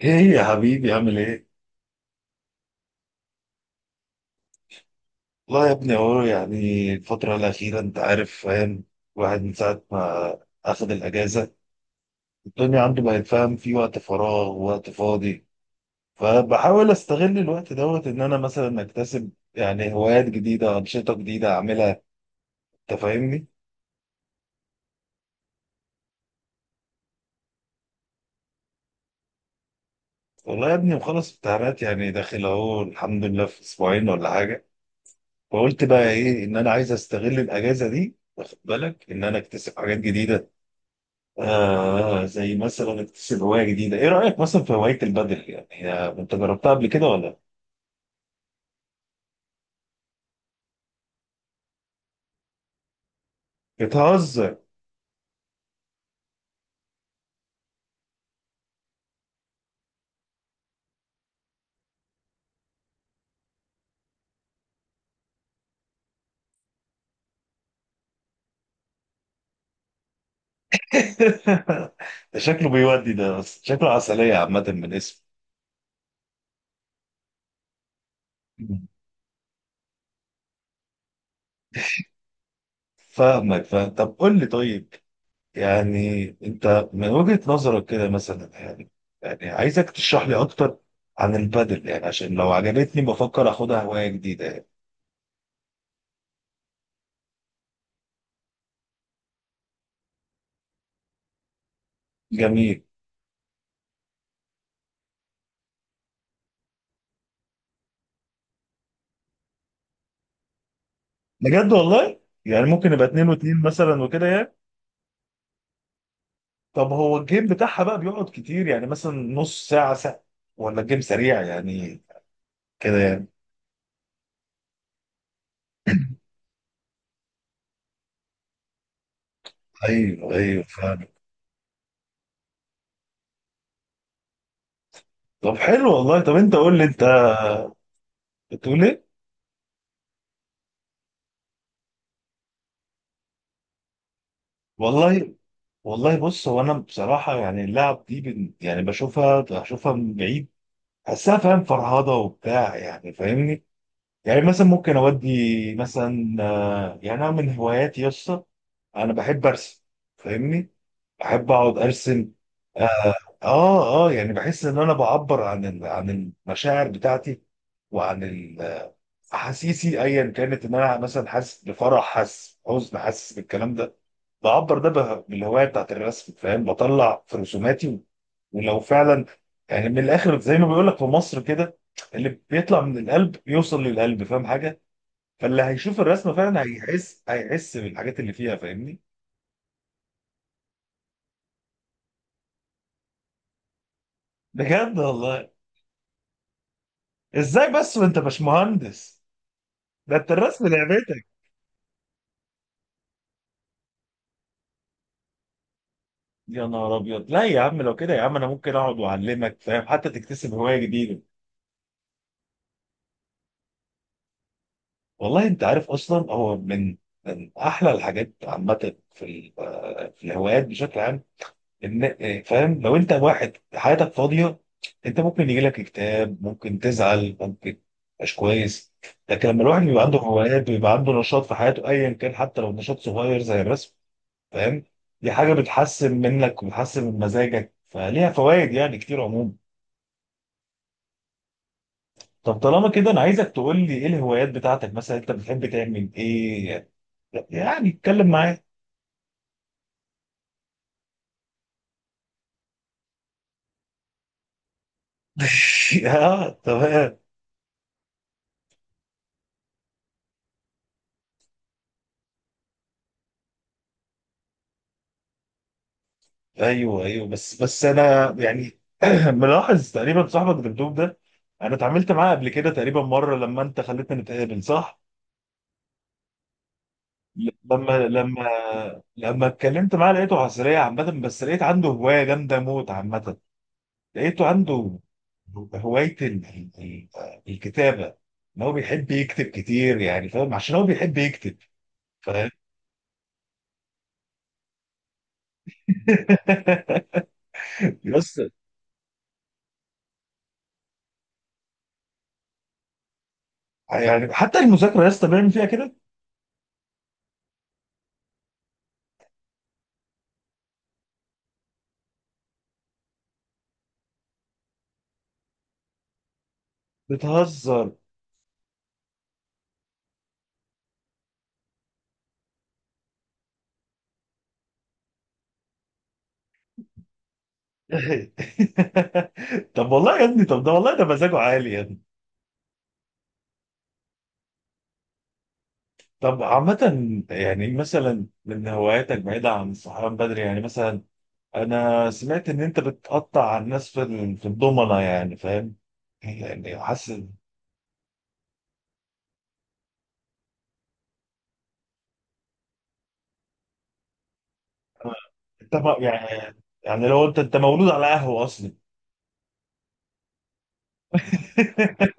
ايه يا حبيبي عامل ايه؟ والله يا ابني اهو يعني الفترة الأخيرة أنت عارف فاهم. الواحد من ساعة ما أخد الأجازة الدنيا عنده بقت فاهم، في وقت فراغ ووقت فاضي. فبحاول أستغل الوقت دوت إن أنا مثلا أكتسب يعني هوايات جديدة، أنشطة جديدة أعملها. أنت فاهمني؟ والله يا ابني مخلص امتحانات، يعني داخل أهو الحمد لله في أسبوعين ولا حاجة. فقلت بقى إيه، إن أنا عايز أستغل الأجازة دي، واخد بالك، إن أنا أكتسب حاجات جديدة. آه، زي مثلا اكتسب هواية جديدة. ايه رأيك مثلا في هواية البدل؟ يعني انت جربتها قبل كده ولا؟ بتهزر. ده شكله بيودي ده، بس شكله عسلية عامة من اسمه. فاهمك فاهم. طب قول لي، طيب يعني انت من وجهة نظرك كده مثلا، يعني يعني عايزك تشرح لي اكتر عن البدل، يعني عشان لو عجبتني بفكر اخدها هواية جديدة يعني. جميل. بجد والله؟ يعني ممكن يبقى اتنين واتنين مثلا وكده يعني؟ طب هو الجيم بتاعها بقى بيقعد كتير، يعني مثلا نص ساعة، ساعة؟ ولا الجيم سريع يعني كده يعني؟ ايوه ايوه فاهم. طب حلو والله. طب انت قول لي، انت بتقول ايه؟ والله والله بص، هو انا بصراحة يعني اللعب دي يعني بشوفها، من بعيد، بحسها فاهم فرهضة وبتاع، يعني فاهمني. يعني مثلا ممكن اودي مثلا، يعني انا من هواياتي يسطا، انا بحب ارسم، فاهمني، بحب اقعد ارسم. اه. اه، يعني بحس ان انا بعبر عن عن المشاعر بتاعتي، وعن احاسيسي ايا كانت. ان انا مثلا حاسس بفرح، حاسس حزن، حاسس بالكلام ده، بعبر بالهوايه بتاعت الرسم، فاهم، بطلع في رسوماتي. ولو فعلا، يعني من الاخر، زي ما بيقول لك في مصر كده، اللي بيطلع من القلب يوصل للقلب، فاهم حاجه، فاللي هيشوف الرسمه فعلا هيحس، بالحاجات اللي فيها، فاهمني؟ بجد والله؟ ازاي بس وانت باشمهندس؟ ده انت الرسم لعبتك. يا نهار ابيض، لا يا عم، لو كده يا عم انا ممكن اقعد واعلمك فاهم، حتى تكتسب هوايه جديده. والله انت عارف اصلا، هو من احلى الحاجات عامه في في الهوايات بشكل عام، ان فاهم، لو انت واحد حياتك فاضيه انت ممكن يجي لك اكتئاب، ممكن تزعل، ممكن مش كويس. لكن لما الواحد بيبقى عنده هوايات بيبقى عنده نشاط في حياته، ايا كان، حتى لو نشاط صغير زي الرسم. فاهم، دي حاجه بتحسن منك وبتحسن من مزاجك، فليها فوائد يعني كتير عموما. طب طالما كده انا عايزك تقول لي ايه الهوايات بتاعتك، مثلا انت بتحب تعمل ايه؟ يعني اتكلم معايا. اه تمام. ايوه ايوه، بس انا يعني ملاحظ تقريبا صاحبك دبدوب ده، انا اتعاملت معاه قبل كده تقريبا مره لما انت خليتنا نتقابل، صح؟ لما لما اتكلمت معاه لقيته عسلية عامة، بس لقيت عنده هواية جامدة موت عامة. لقيته عنده هواية الكتابة، ان هو بيحب يكتب كتير، يعني فاهم، عشان هو بيحب يكتب. فاهم. بس يعني حتى المذاكرة يا اسطى بيعمل فيها كده. بتهزر. طب والله يا ابني، طب ده والله ده مزاجه عالي يا ابني. طب عامة يعني مثلا من هواياتك بعيدة عن الصحيان بدري، يعني مثلا أنا سمعت إن أنت بتقطع على الناس في في الضمنة، يعني فاهم، يعني حاسس. انت ما- يعني، يعني لو انت مولود على قهوه اصلا.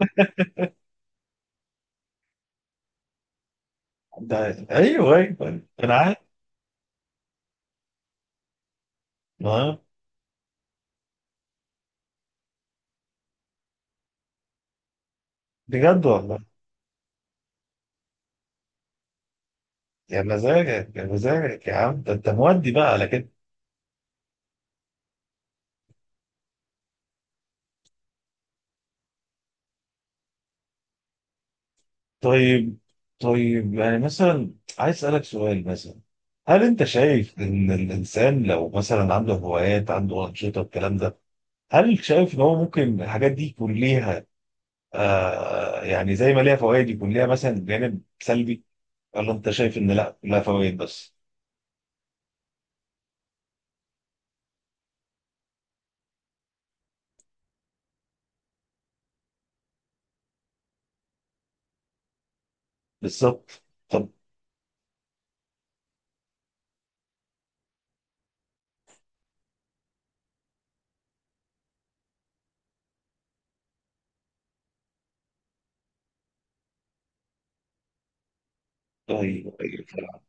ده ايوه ايوه انا عارف. اه. بجد والله. يا مزاجك، يا عم، ده انت مودي بقى على كده. طيب، طيب يعني مثلا عايز اسالك سؤال مثلا، هل انت شايف ان الانسان لو مثلا عنده هوايات، عنده انشطه، الكلام ده، هل شايف ان هو ممكن الحاجات دي يكون ليها، آه يعني زي ما ليها فوائد يكون ليها مثلا جانب سلبي؟ ولا انت شايف ان لا، لها فوائد بس؟ بالظبط. طب ايوه ايوه فعلا.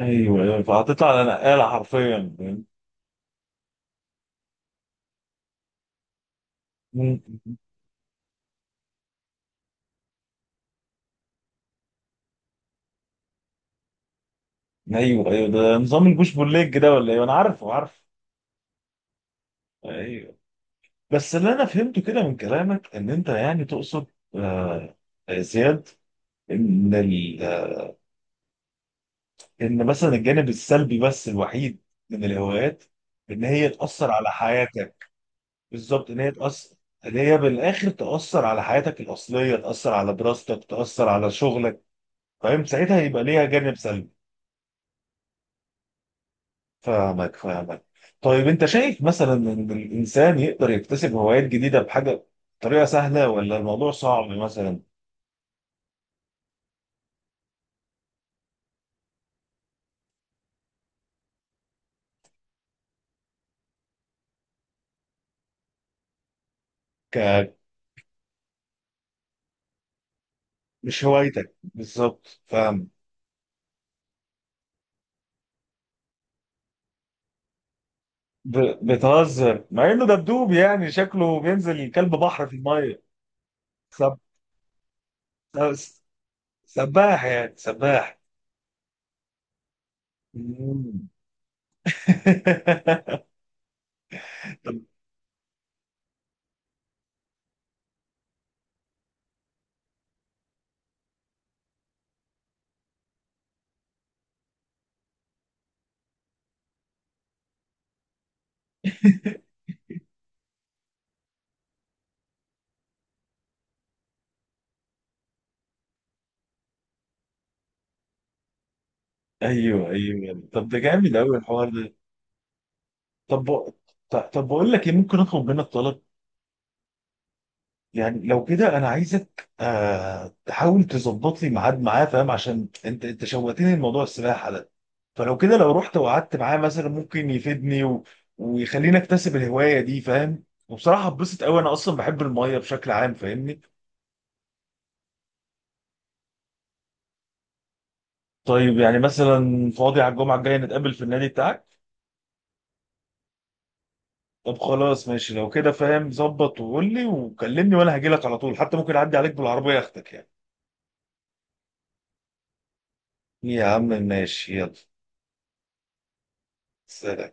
ايوه ايوه فهتطلع على نقاله حرفيا، فاهم؟ مم. ايوه ايوه، ده نظام البوش بول ليج ده ولا ايه؟ انا عارفه عارفه. ايوه. بس اللي انا فهمته كده من كلامك ان انت يعني تقصد، آه زياد، ان ال... آه، ان مثلا الجانب السلبي بس الوحيد من الهوايات، ان هي تاثر على حياتك. بالظبط، ان هي تاثر، ان هي بالاخر تاثر على حياتك الاصليه، تاثر على دراستك، تاثر على شغلك، فاهم، ساعتها يبقى ليها جانب سلبي. فاهمك فاهمك. طيب انت شايف مثلا ان الانسان يقدر يكتسب هوايات جديده بحاجه، بطريقه سهله، ولا الموضوع صعب مثلا؟ ك مش هوايتك بالظبط، فاهم. ب... بتهزر، مع انه دبدوب يعني شكله بينزل كلب بحر في الميه. سب... سب- سباح، يعني سباح. مم. طب ايوه ايوه يعني. طب ده جامد قوي الحوار ده. طب طب بقول لك ايه، ممكن اطلب منك طلب؟ يعني لو كده انا عايزك آه تحاول تظبط لي ميعاد معاه، فاهم، عشان انت شوقتني لموضوع السباحه ده، فلو كده لو رحت وقعدت معاه مثلا ممكن يفيدني و... ويخليني اكتسب الهوايه دي، فاهم، وبصراحه اتبسط قوي، انا اصلا بحب الميه بشكل عام، فاهمني. طيب يعني مثلا فاضي على الجمعه الجايه نتقابل في النادي بتاعك؟ طب خلاص ماشي لو كده، فاهم، ظبط وقول لي وكلمني وانا هجيلك على طول، حتى ممكن اعدي عليك بالعربيه اخدك يعني. يا عم ماشي، يلا. سلام.